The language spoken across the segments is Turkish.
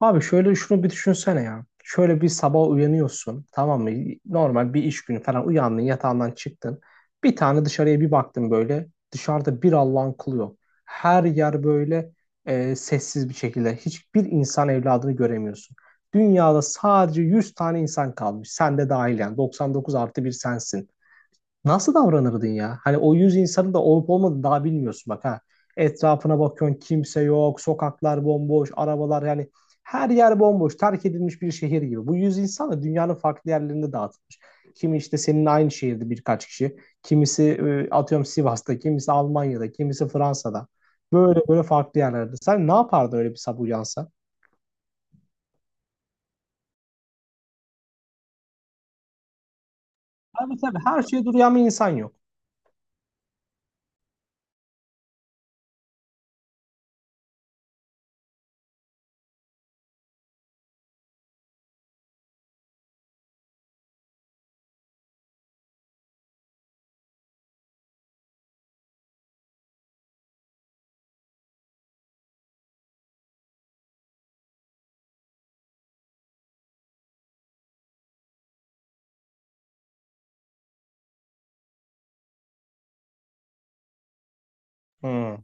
Abi şöyle şunu bir düşünsene ya. Şöyle bir sabah uyanıyorsun, tamam mı? Normal bir iş günü falan uyandın, yatağından çıktın. Bir tane dışarıya bir baktın böyle. Dışarıda bir Allah'ın kulu yok. Her yer böyle sessiz bir şekilde. Hiçbir insan evladını göremiyorsun. Dünyada sadece 100 tane insan kalmış. Sen de dahil yani. 99 artı bir sensin. Nasıl davranırdın ya? Hani o 100 insanın da olup olmadığını daha bilmiyorsun bak ha. Etrafına bakıyorsun, kimse yok, sokaklar bomboş, arabalar yani her yer bomboş, terk edilmiş bir şehir gibi. Bu 100 insan da dünyanın farklı yerlerinde dağıtılmış. Kimi işte seninle aynı şehirde birkaç kişi, kimisi atıyorum Sivas'ta, kimisi Almanya'da, kimisi Fransa'da. Böyle böyle farklı yerlerde. Sen ne yapardın öyle bir sabah uyansa? Tabii tabii, her şeye duruyan bir insan yok. Hmm.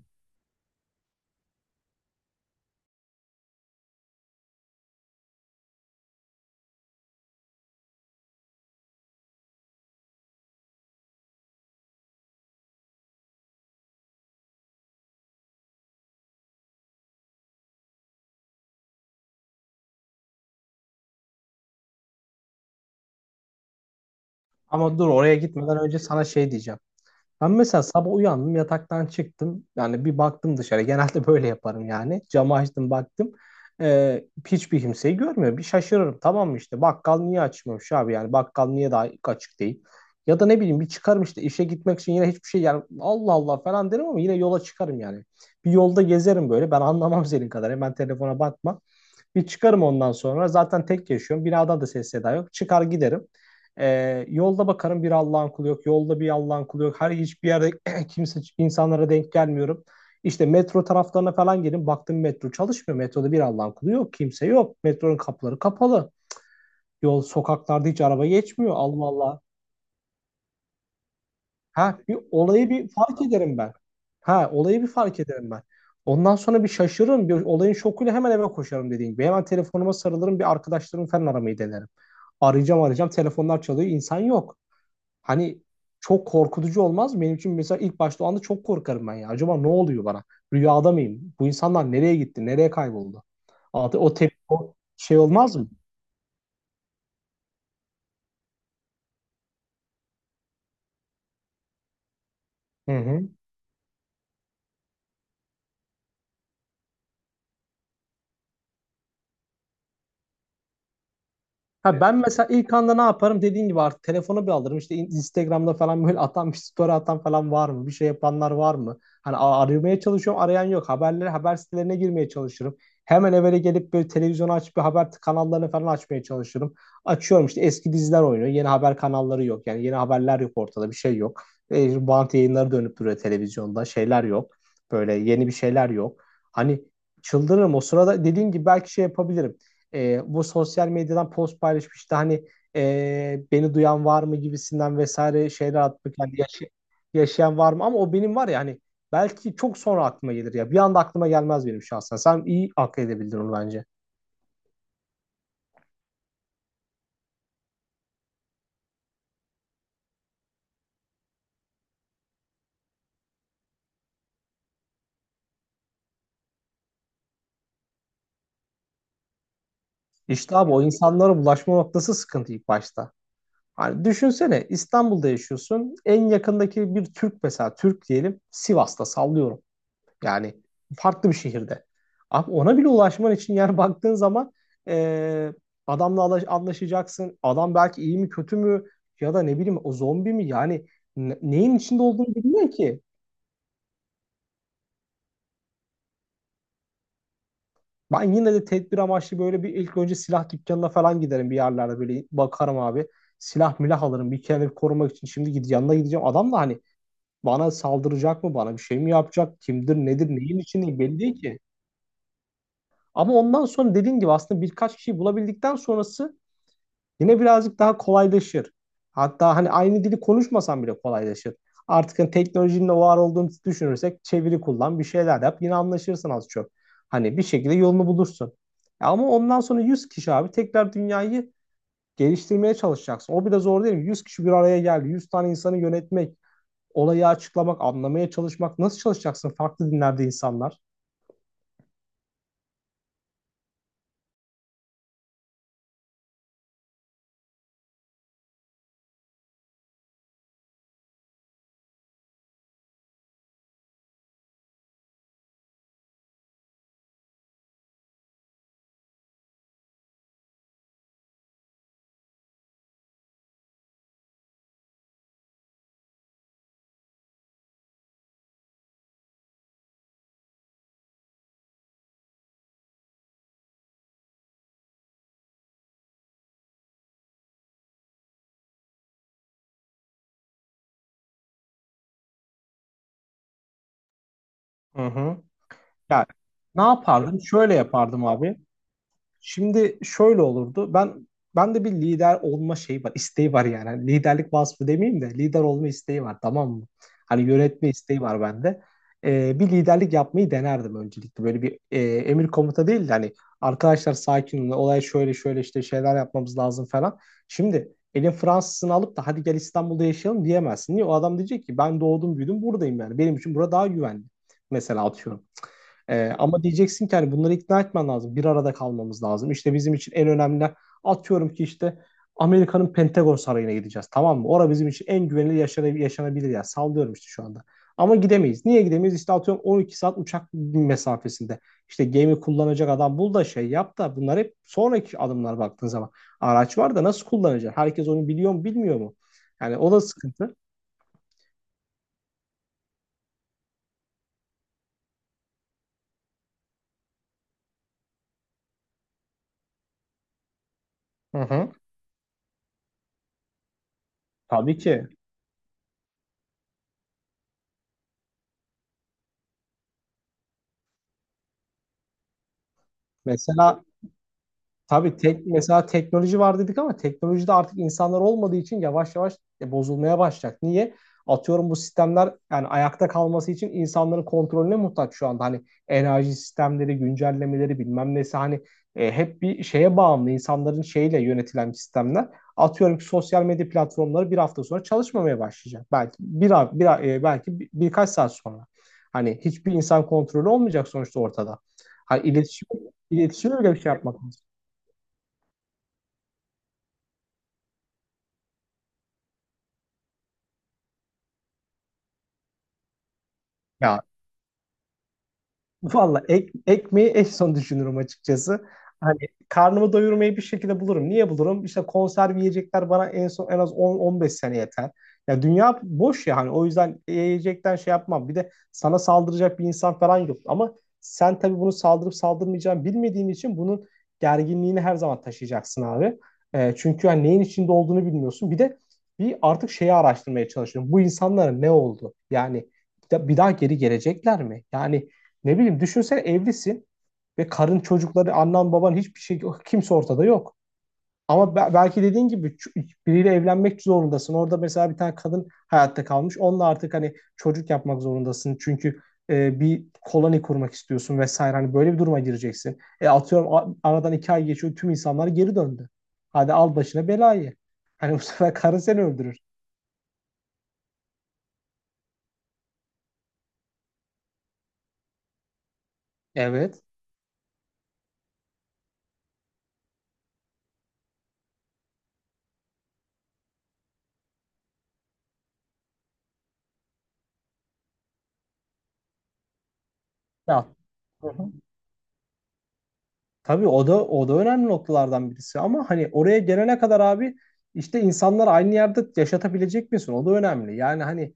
Ama dur, oraya gitmeden önce sana şey diyeceğim. Ben mesela sabah uyandım, yataktan çıktım. Yani bir baktım dışarı. Genelde böyle yaparım yani. Camı açtım, baktım. Hiçbir kimseyi görmüyor. Bir şaşırırım. Tamam mı, işte bakkal niye açmamış abi, yani bakkal niye daha açık değil? Ya da ne bileyim bir çıkarım işte işe gitmek için, yine hiçbir şey, yani Allah Allah falan derim ama yine yola çıkarım yani. Bir yolda gezerim böyle. Ben anlamam senin kadar. Hemen telefona bakma. Bir çıkarım ondan sonra. Zaten tek yaşıyorum. Binadan da ses seda yok. Çıkar giderim. Yolda bakarım, bir Allah'ın kulu yok. Yolda bir Allah'ın kulu yok. Her hiçbir yerde kimse, insanlara denk gelmiyorum. İşte metro taraflarına falan gelin. Baktım metro çalışmıyor. Metroda bir Allah'ın kulu yok. Kimse yok. Metronun kapıları kapalı. Yol sokaklarda hiç araba geçmiyor. Allah Allah. Ha, bir olayı bir fark ederim ben. Ha, olayı bir fark ederim ben. Ondan sonra bir şaşırırım. Bir olayın şokuyla hemen eve koşarım dediğim gibi. Hemen telefonuma sarılırım. Bir arkadaşlarımı falan aramayı denerim. Arayacağım arayacağım, telefonlar çalıyor, insan yok. Hani çok korkutucu olmaz mı? Benim için mesela ilk başta o anda çok korkarım ben ya. Acaba ne oluyor bana? Rüyada mıyım? Bu insanlar nereye gitti? Nereye kayboldu? Artık o şey olmaz mı? Hı hı. Ha, ben mesela ilk anda ne yaparım dediğin gibi artık telefonu bir alırım, işte Instagram'da falan böyle atan bir story atan falan var mı, bir şey yapanlar var mı hani, aramaya çalışıyorum, arayan yok, haberlere, haber sitelerine girmeye çalışırım, hemen evvela gelip böyle televizyonu açıp bir haber kanallarını falan açmaya çalışırım, açıyorum işte eski diziler oynuyor, yeni haber kanalları yok, yani yeni haberler yok, ortada bir şey yok, bant yayınları dönüp duruyor televizyonda, şeyler yok, böyle yeni bir şeyler yok, hani çıldırırım o sırada dediğin gibi, belki şey yapabilirim, bu sosyal medyadan post paylaşmıştı hani, beni duyan var mı gibisinden vesaire şeyler atmak, yani yaşayan var mı, ama o benim var ya hani, belki çok sonra aklıma gelir ya, bir anda aklıma gelmez benim şahsen, sen iyi akıl edebildin onu bence. İşte abi o insanlara bulaşma noktası sıkıntı ilk başta. Hani düşünsene, İstanbul'da yaşıyorsun. En yakındaki bir Türk mesela, Türk diyelim Sivas'ta, sallıyorum. Yani farklı bir şehirde. Abi ona bile ulaşman için, yani baktığın zaman e, adamla anlaşacaksın. Adam belki iyi mi kötü mü, ya da ne bileyim o zombi mi? Yani neyin içinde olduğunu bilmiyor ki. Ben yine de tedbir amaçlı böyle bir ilk önce silah dükkanına falan giderim, bir yerlerde böyle bakarım abi. Silah milah alırım, bir kendimi korumak için. Şimdi yanına gideceğim. Adam da hani bana saldıracak mı, bana bir şey mi yapacak, kimdir nedir neyin içinde belli değil ki. Ama ondan sonra dediğin gibi aslında birkaç kişiyi bulabildikten sonrası yine birazcık daha kolaylaşır. Hatta hani aynı dili konuşmasan bile kolaylaşır. Artık hani teknolojinin de var olduğunu düşünürsek, çeviri kullan, bir şeyler yap. Yine anlaşırsın az çok. Hani bir şekilde yolunu bulursun. Ama ondan sonra 100 kişi abi tekrar dünyayı geliştirmeye çalışacaksın. O bile zor değil mi? 100 kişi bir araya geldi. 100 tane insanı yönetmek, olayı açıklamak, anlamaya çalışmak. Nasıl çalışacaksın farklı dinlerde insanlar? Hı hı. Ya, ne yapardım? Şöyle yapardım abi. Şimdi şöyle olurdu. Ben de bir lider olma şeyi var, isteği var yani. Hani liderlik vasfı demeyeyim de lider olma isteği var, tamam mı? Hani yönetme isteği var bende. Bir liderlik yapmayı denerdim öncelikle. Böyle bir emir komuta değil de hani, arkadaşlar sakin olun, olay şöyle şöyle, işte şeyler yapmamız lazım falan. Şimdi elin Fransızını alıp da hadi gel İstanbul'da yaşayalım diyemezsin. Niye? O adam diyecek ki ben doğdum büyüdüm buradayım yani. Benim için bura daha güvenli. Mesela atıyorum. Ama diyeceksin ki hani bunları ikna etmen lazım. Bir arada kalmamız lazım. İşte bizim için en önemli, atıyorum ki işte Amerika'nın Pentagon Sarayı'na gideceğiz. Tamam mı? Orada bizim için en güvenilir, yaşanabilir yaşanabilir yer. Sallıyorum işte şu anda. Ama gidemeyiz. Niye gidemeyiz? İşte atıyorum 12 saat uçak mesafesinde. İşte gemi kullanacak adam bul da şey yap da, bunlar hep sonraki adımlar baktığın zaman. Araç var da nasıl kullanacak? Herkes onu biliyor mu, bilmiyor mu? Yani o da sıkıntı. Hı hı. Tabii ki. Mesela Tabii tek, mesela teknoloji var dedik ama teknolojide artık insanlar olmadığı için yavaş yavaş bozulmaya başlayacak. Niye? Atıyorum bu sistemler yani ayakta kalması için insanların kontrolüne muhtaç şu anda. Hani enerji sistemleri, güncellemeleri, bilmem nesi, hani hep bir şeye bağımlı, insanların şeyle yönetilen sistemler. Atıyorum ki sosyal medya platformları bir hafta sonra çalışmamaya başlayacak. Belki bir, a- bir a- e, belki bir- birkaç saat sonra. Hani hiçbir insan kontrolü olmayacak sonuçta ortada. Hani iletişim öyle bir şey yapmak. Ya valla ekmeği en son düşünürüm açıkçası. Hani karnımı doyurmayı bir şekilde bulurum. Niye bulurum? İşte konserve yiyecekler bana en son en az 10-15 sene yeter. Ya dünya boş ya, hani o yüzden yiyecekten şey yapmam. Bir de sana saldıracak bir insan falan yok. Ama sen tabii bunu saldırıp saldırmayacağını bilmediğin için bunun gerginliğini her zaman taşıyacaksın abi. Çünkü hani neyin içinde olduğunu bilmiyorsun. Bir de bir artık şeyi araştırmaya çalışıyorum. Bu insanlara ne oldu? Yani bir daha geri gelecekler mi? Yani ne bileyim, düşünsene evlisin ve karın, çocukları, annen baban, hiçbir şey, kimse ortada yok. Ama belki dediğin gibi biriyle evlenmek zorundasın. Orada mesela bir tane kadın hayatta kalmış. Onunla artık hani çocuk yapmak zorundasın. Çünkü bir koloni kurmak istiyorsun vesaire. Hani böyle bir duruma gireceksin. Atıyorum aradan 2 ay geçiyor, tüm insanlar geri döndü. Hadi al başına belayı. Hani bu sefer karın seni öldürür. Evet. Ya. Hı hı. Tabii o da önemli noktalardan birisi ama hani oraya gelene kadar abi, işte insanları aynı yerde yaşatabilecek misin? O da önemli. Yani hani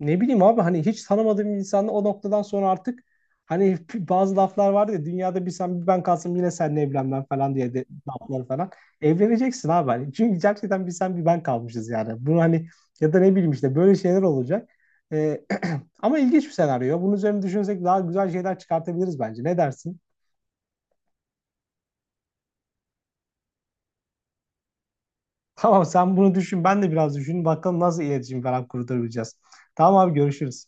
ne bileyim abi, hani hiç tanımadığım bir insanla o noktadan sonra artık hani bazı laflar vardı ya, dünyada bir sen bir ben kalsam yine seninle evlenmem falan diye de lafları falan. Evleneceksin abi hani. Çünkü gerçekten bir sen bir ben kalmışız yani. Bunu hani, ya da ne bileyim işte böyle şeyler olacak. Ee, Ama ilginç bir senaryo. Bunun üzerine düşünsek daha güzel şeyler çıkartabiliriz bence. Ne dersin? Tamam, sen bunu düşün. Ben de biraz düşünün. Bakalım nasıl iletişim falan kurtarabileceğiz. Tamam abi, görüşürüz.